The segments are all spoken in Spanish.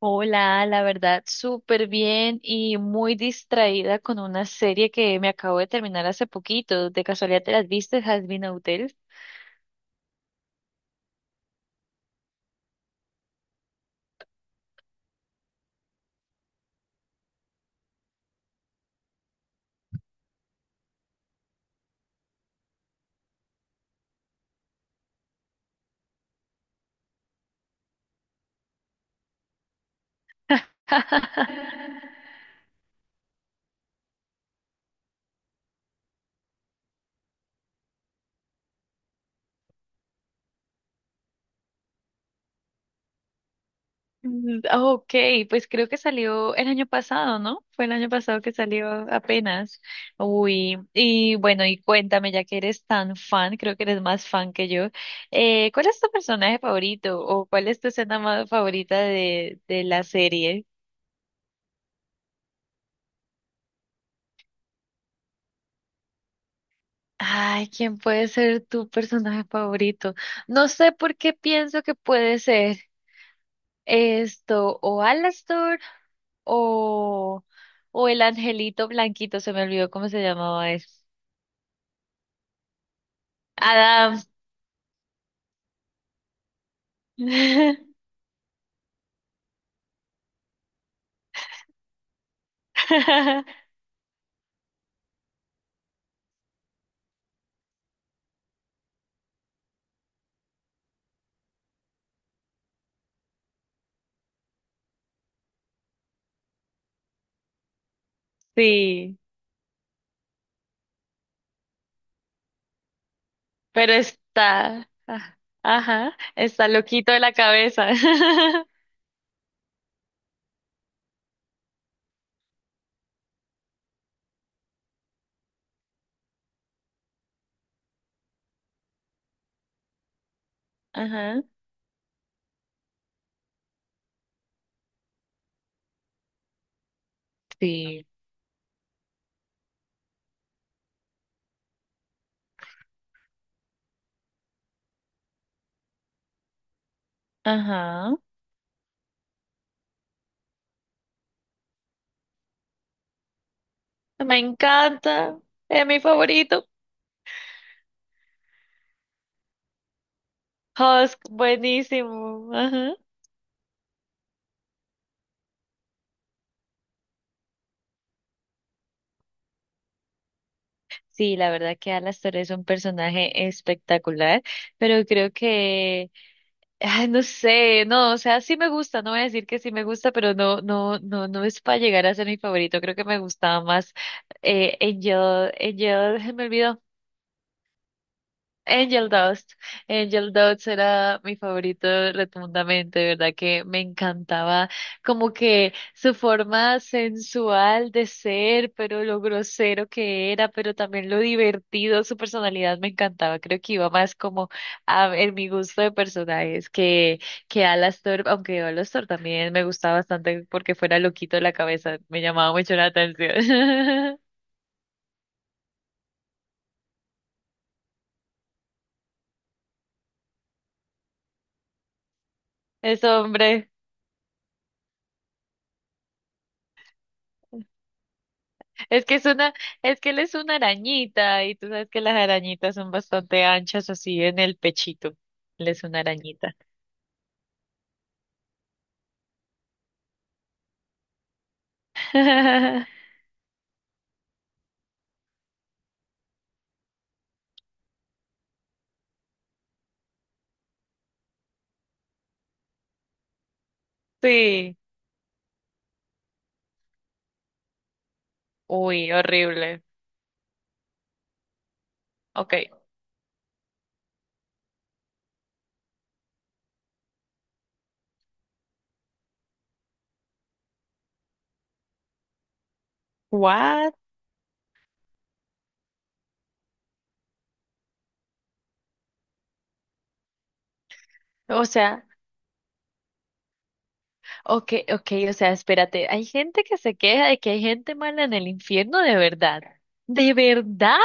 Hola, la verdad, súper bien y muy distraída con una serie que me acabo de terminar hace poquito. ¿De casualidad te las viste, Hazbin Hotel? Mm, ok, pues creo que salió el año pasado, ¿no? Fue el año pasado que salió apenas. Uy, y bueno, y cuéntame, ya que eres tan fan, creo que eres más fan que yo, ¿cuál es tu personaje favorito o cuál es tu escena más favorita de la serie? Ay, ¿quién puede ser tu personaje favorito? No sé por qué pienso que puede ser esto, o Alastor, o, o el angelito blanquito, se me olvidó cómo se llamaba él. Adam. Sí, pero está, ah, ajá, está loquito de la cabeza. Ajá, sí, ajá. Me encanta, es mi favorito. Husk, buenísimo. Ajá. Sí, la verdad que Alastor es un personaje espectacular, pero creo que, ay, no sé, no, o sea, sí me gusta, no voy a decir que sí me gusta, pero no, no, no, no es para llegar a ser mi favorito. Creo que me gustaba más Angel, Angel, me olvidó. Angel Dust. Angel Dust era mi favorito rotundamente, de verdad que me encantaba como que su forma sensual de ser, pero lo grosero que era, pero también lo divertido, su personalidad me encantaba. Creo que iba más como a, en mi gusto de personajes que Alastor, aunque Alastor también me gustaba bastante porque fuera loquito de la cabeza, me llamaba mucho la atención. Ese hombre. Es que es una, es que él es una arañita y tú sabes que las arañitas son bastante anchas así en el pechito. Él es una arañita. Sí. Uy, horrible. Okay. What? O sea, okay, okay, o sea, espérate. Hay gente que se queja de que hay gente mala en el infierno de verdad. ¿De verdad?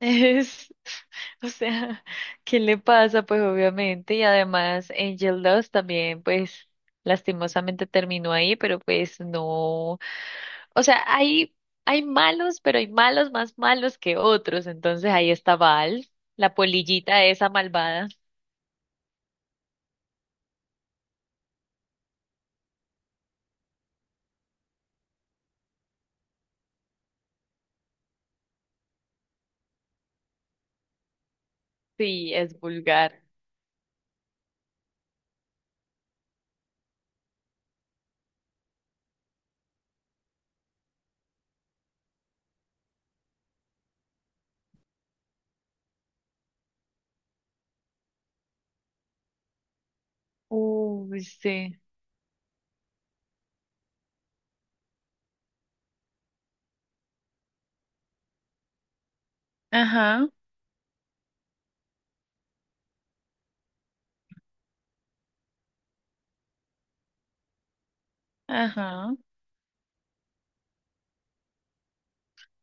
Es, o sea, ¿qué le pasa? Pues obviamente, y además Angel Dust también, pues lastimosamente terminó ahí, pero pues no, o sea, hay malos, pero hay malos más malos que otros, entonces ahí está Val, la polillita esa malvada, sí, es vulgar. Uy, sí. Ajá, ajá.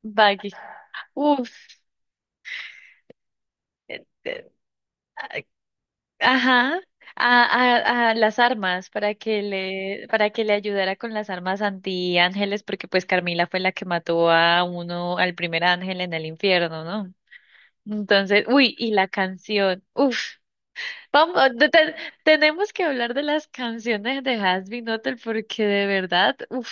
Baggy. Uf. eh, eh, Ajá, a, a las armas para que le ayudara con las armas antiángeles, porque pues Carmila fue la que mató a uno, al primer ángel en el infierno, ¿no? Entonces, uy, y la canción, uf, vamos, ah, de- te- tenemos que hablar de las canciones de Hazbin Hotel porque de verdad, uf,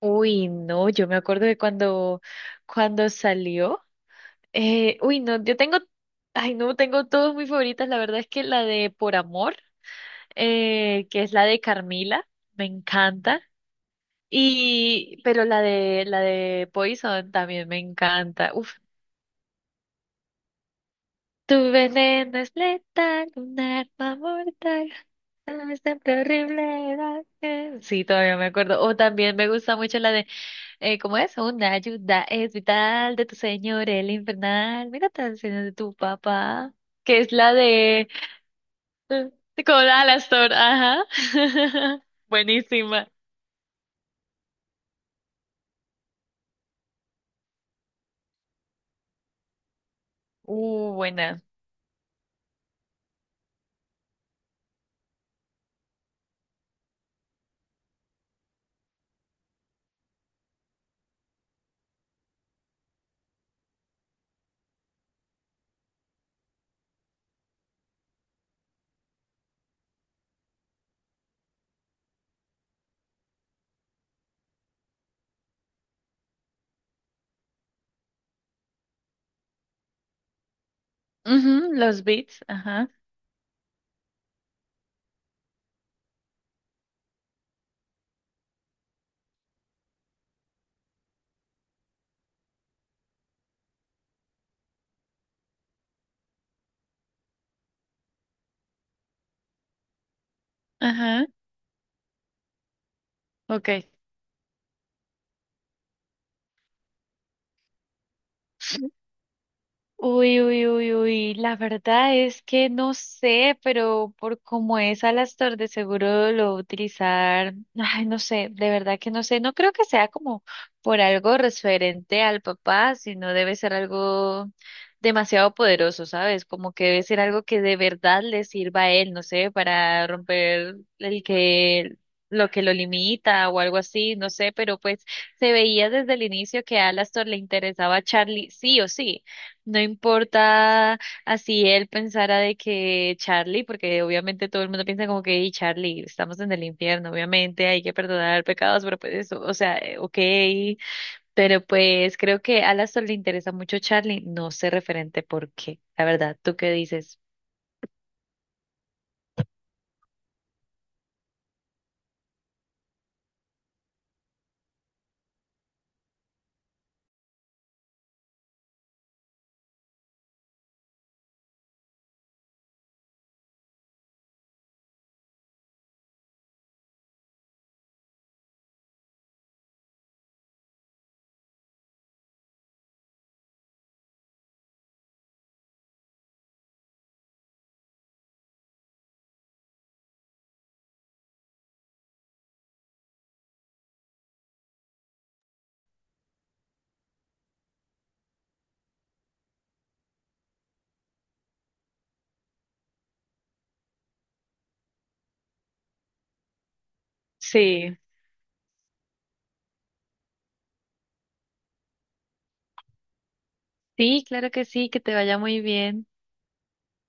uy, no, yo me acuerdo de cuando, cuando salió, uy, no, ay, no, tengo todas mis favoritas, la verdad es que la de Por Amor. Que es la de Carmila, me encanta. Y, pero la de Poison también me encanta. Uf, tu veneno es letal, un arma mortal. No es siempre horrible. Sí, todavía me acuerdo. O también me gusta mucho la de, ¿cómo es? Una ayuda es vital de tu señor, el infernal. Mira tan señor de tu papá, que es la de Coral Astor. Ajá. Buenísima. Buena. Ujú, los beats, ajá, ajá, ok. Uy, uy, uy, uy, la verdad es que no sé, pero por cómo es Alastor de seguro lo va a utilizar, ay, no sé, de verdad que no sé, no creo que sea como por algo referente al papá, sino debe ser algo demasiado poderoso, ¿sabes? Como que debe ser algo que de verdad le sirva a él, no sé, para romper el que lo limita o algo así, no sé, pero pues se veía desde el inicio que a Alastor le interesaba a Charlie sí o sí. No importa así él pensara de que Charlie, porque obviamente todo el mundo piensa como que, "Ey, Charlie, estamos en el infierno, obviamente hay que perdonar pecados, pero pues eso, o sea, ok, pero pues creo que a Alastor le interesa mucho Charlie, no sé referente por qué, la verdad, ¿tú qué dices? Sí. Sí, claro que sí, que te vaya muy bien.